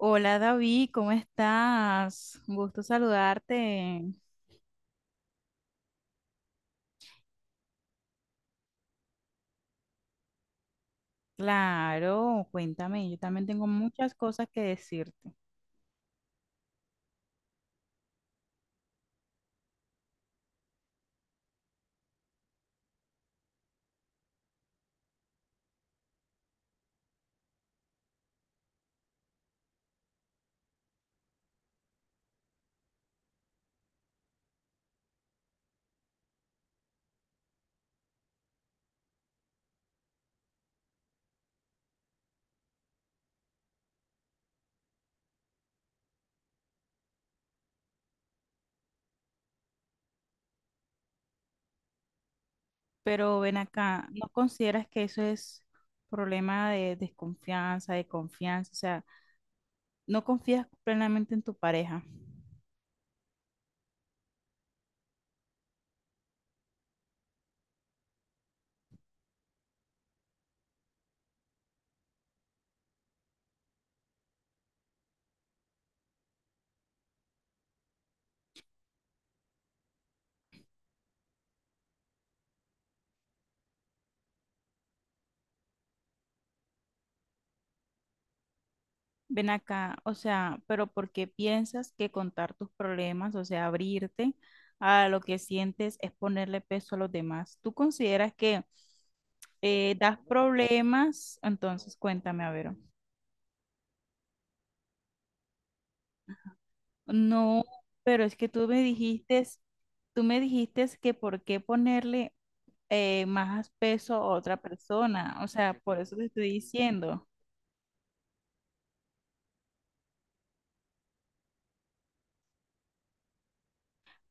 Hola David, ¿cómo estás? Un gusto saludarte. Claro, cuéntame, yo también tengo muchas cosas que decirte, pero ven acá, ¿no consideras que eso es problema de desconfianza, de confianza? O sea, ¿no confías plenamente en tu pareja? Ven acá, o sea, pero ¿por qué piensas que contar tus problemas, o sea, abrirte a lo que sientes es ponerle peso a los demás? ¿Tú consideras que das problemas? Entonces, cuéntame, a ver. No, pero es que tú me dijiste que por qué ponerle más peso a otra persona, o sea, por eso te estoy diciendo.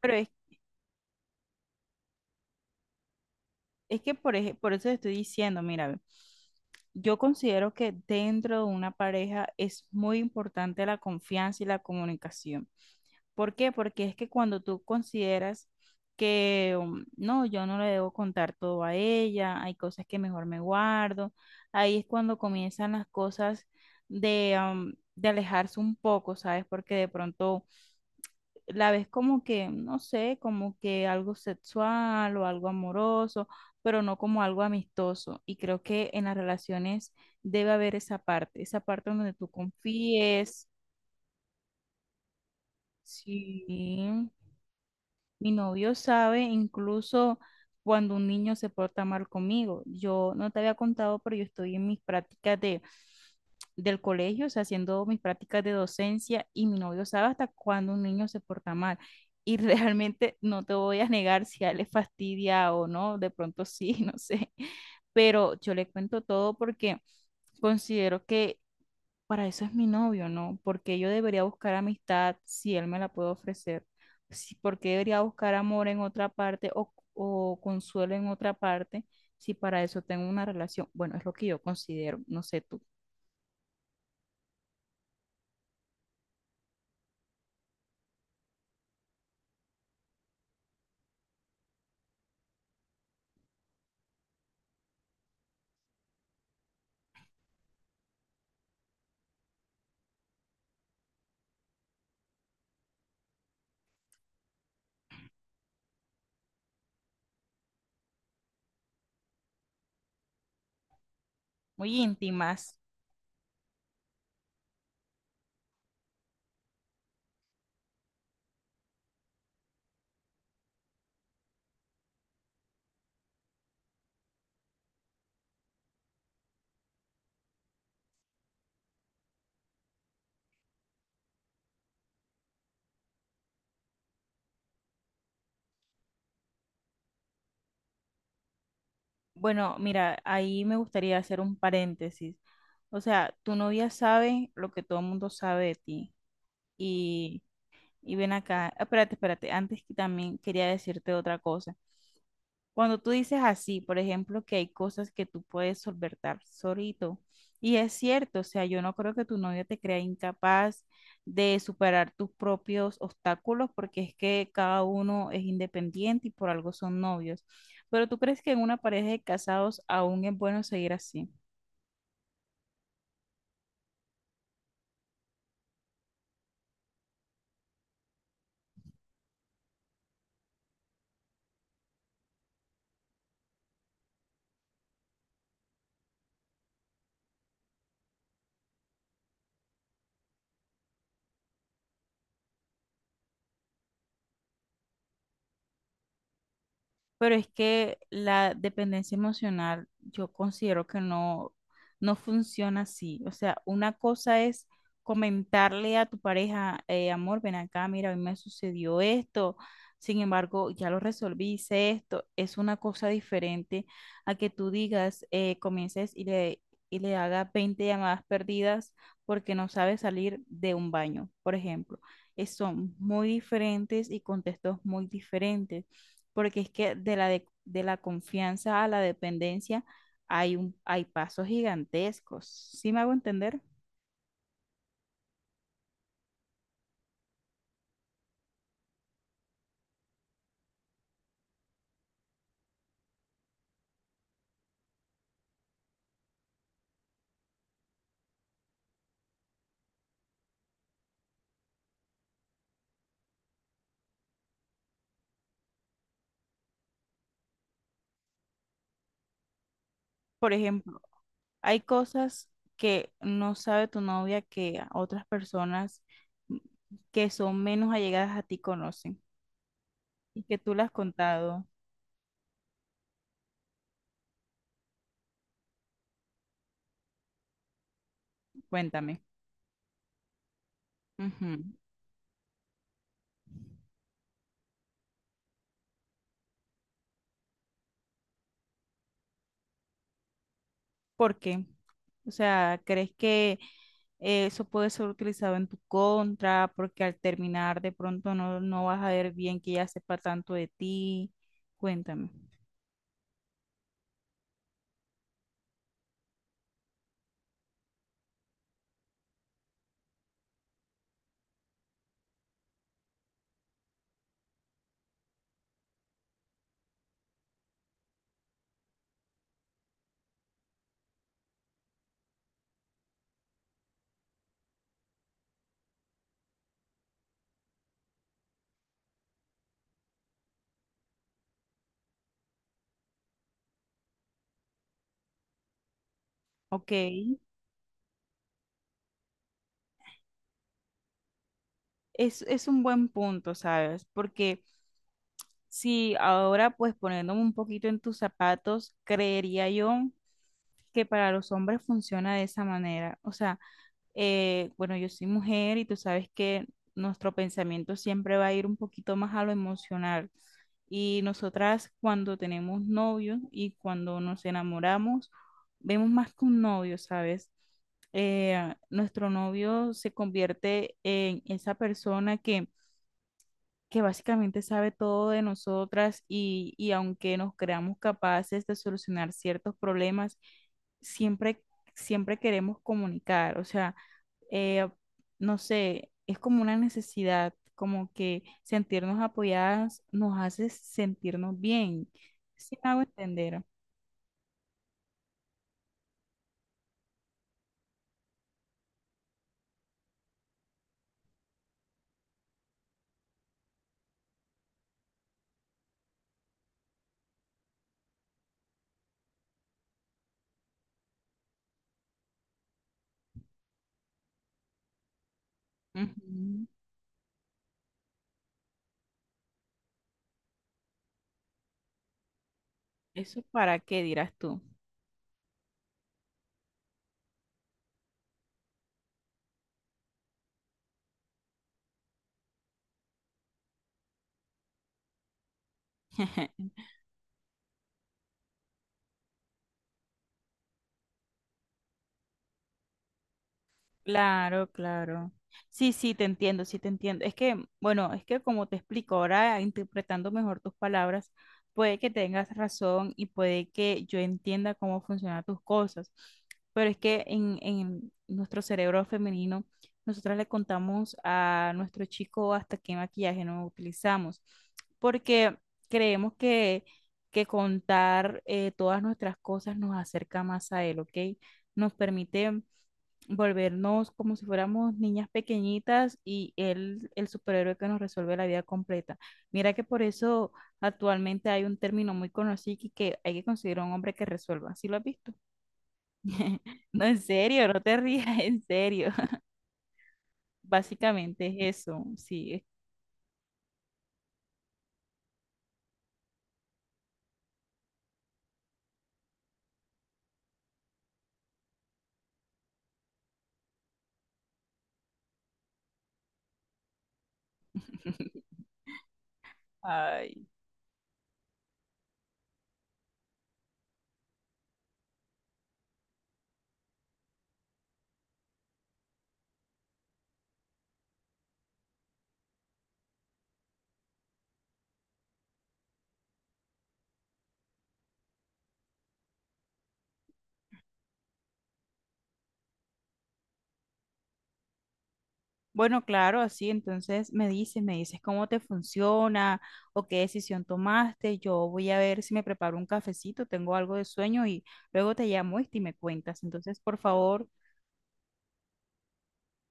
Pero es Es que por eso te estoy diciendo, mira, ve, yo considero que dentro de una pareja es muy importante la confianza y la comunicación. ¿Por qué? Porque es que cuando tú consideras que no, yo no le debo contar todo a ella, hay cosas que mejor me guardo. Ahí es cuando comienzan las cosas de alejarse un poco, ¿sabes? Porque de pronto la ves como que, no sé, como que algo sexual o algo amoroso, pero no como algo amistoso. Y creo que en las relaciones debe haber esa parte donde tú confíes. Sí. Mi novio sabe incluso cuando un niño se porta mal conmigo. Yo no te había contado, pero yo estoy en mis prácticas del colegio, o sea, haciendo mis prácticas de docencia, y mi novio sabe hasta cuando un niño se porta mal. Y realmente no te voy a negar si a él le fastidia o no, de pronto sí, no sé. Pero yo le cuento todo porque considero que para eso es mi novio, ¿no? Porque yo debería buscar amistad si él me la puede ofrecer. Si, ¿por qué debería buscar amor en otra parte o consuelo en otra parte si para eso tengo una relación? Bueno, es lo que yo considero, no sé tú, muy íntimas. Bueno, mira, ahí me gustaría hacer un paréntesis. O sea, tu novia sabe lo que todo el mundo sabe de ti. Y, y ven acá, espérate, antes que también quería decirte otra cosa. Cuando tú dices así, por ejemplo, que hay cosas que tú puedes solventar solito, y es cierto, o sea, yo no creo que tu novia te crea incapaz de superar tus propios obstáculos, porque es que cada uno es independiente y por algo son novios. Pero ¿tú crees que en una pareja de casados aún es bueno seguir así? Pero es que la dependencia emocional yo considero que no, no funciona así. O sea, una cosa es comentarle a tu pareja: amor, ven acá, mira, a mí me sucedió esto, sin embargo, ya lo resolví, hice esto". Es una cosa diferente a que tú digas, comiences y le hagas 20 llamadas perdidas porque no sabe salir de un baño, por ejemplo. Son muy diferentes y contextos muy diferentes, porque es que de la confianza a la dependencia hay pasos gigantescos. ¿Sí me hago entender? Por ejemplo, hay cosas que no sabe tu novia que otras personas que son menos allegadas a ti conocen y que tú las has contado. Cuéntame. Ujú. ¿Por qué? O sea, ¿crees que eso puede ser utilizado en tu contra? Porque al terminar de pronto no, no vas a ver bien que ya sepa tanto de ti. Cuéntame. Ok, es un buen punto, ¿sabes? Porque si ahora, pues poniéndome un poquito en tus zapatos, creería yo que para los hombres funciona de esa manera. O sea, bueno, yo soy mujer y tú sabes que nuestro pensamiento siempre va a ir un poquito más a lo emocional. Y nosotras cuando tenemos novios y cuando nos enamoramos, vemos más que un novio, ¿sabes? Nuestro novio se convierte en esa persona que básicamente sabe todo de nosotras, y aunque nos creamos capaces de solucionar ciertos problemas, siempre, siempre queremos comunicar, o sea, eh, no sé, es como una necesidad, como que sentirnos apoyadas nos hace sentirnos bien, si me hago entender. Ujú. ¿Eso para qué dirás tú? Claro, claro. Sí, sí, te entiendo, sí, te entiendo. Es que, bueno, es que como te explico ahora, interpretando mejor tus palabras, puede que tengas razón y puede que yo entienda cómo funcionan tus cosas, pero es que en nuestro cerebro femenino, nosotras le contamos a nuestro chico hasta qué maquillaje no utilizamos, porque creemos que, que contar todas nuestras cosas nos acerca más a él, ¿ok? Nos permite volvernos como si fuéramos niñas pequeñitas y él, el superhéroe que nos resuelve la vida completa. Mira que por eso actualmente hay un término muy conocido que hay que considerar: un hombre que resuelva. ¿Sí lo has visto? No, en serio, no te rías, en serio. Básicamente es eso, sí. Ay. Bueno, claro, así entonces me dices cómo te funciona o qué decisión tomaste. Yo voy a ver si me preparo un cafecito, tengo algo de sueño y luego te llamo, y me cuentas. Entonces, por favor,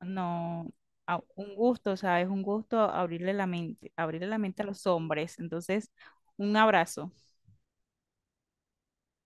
no, un gusto, ¿sabes? Un gusto abrirle la mente a los hombres. Entonces, un abrazo.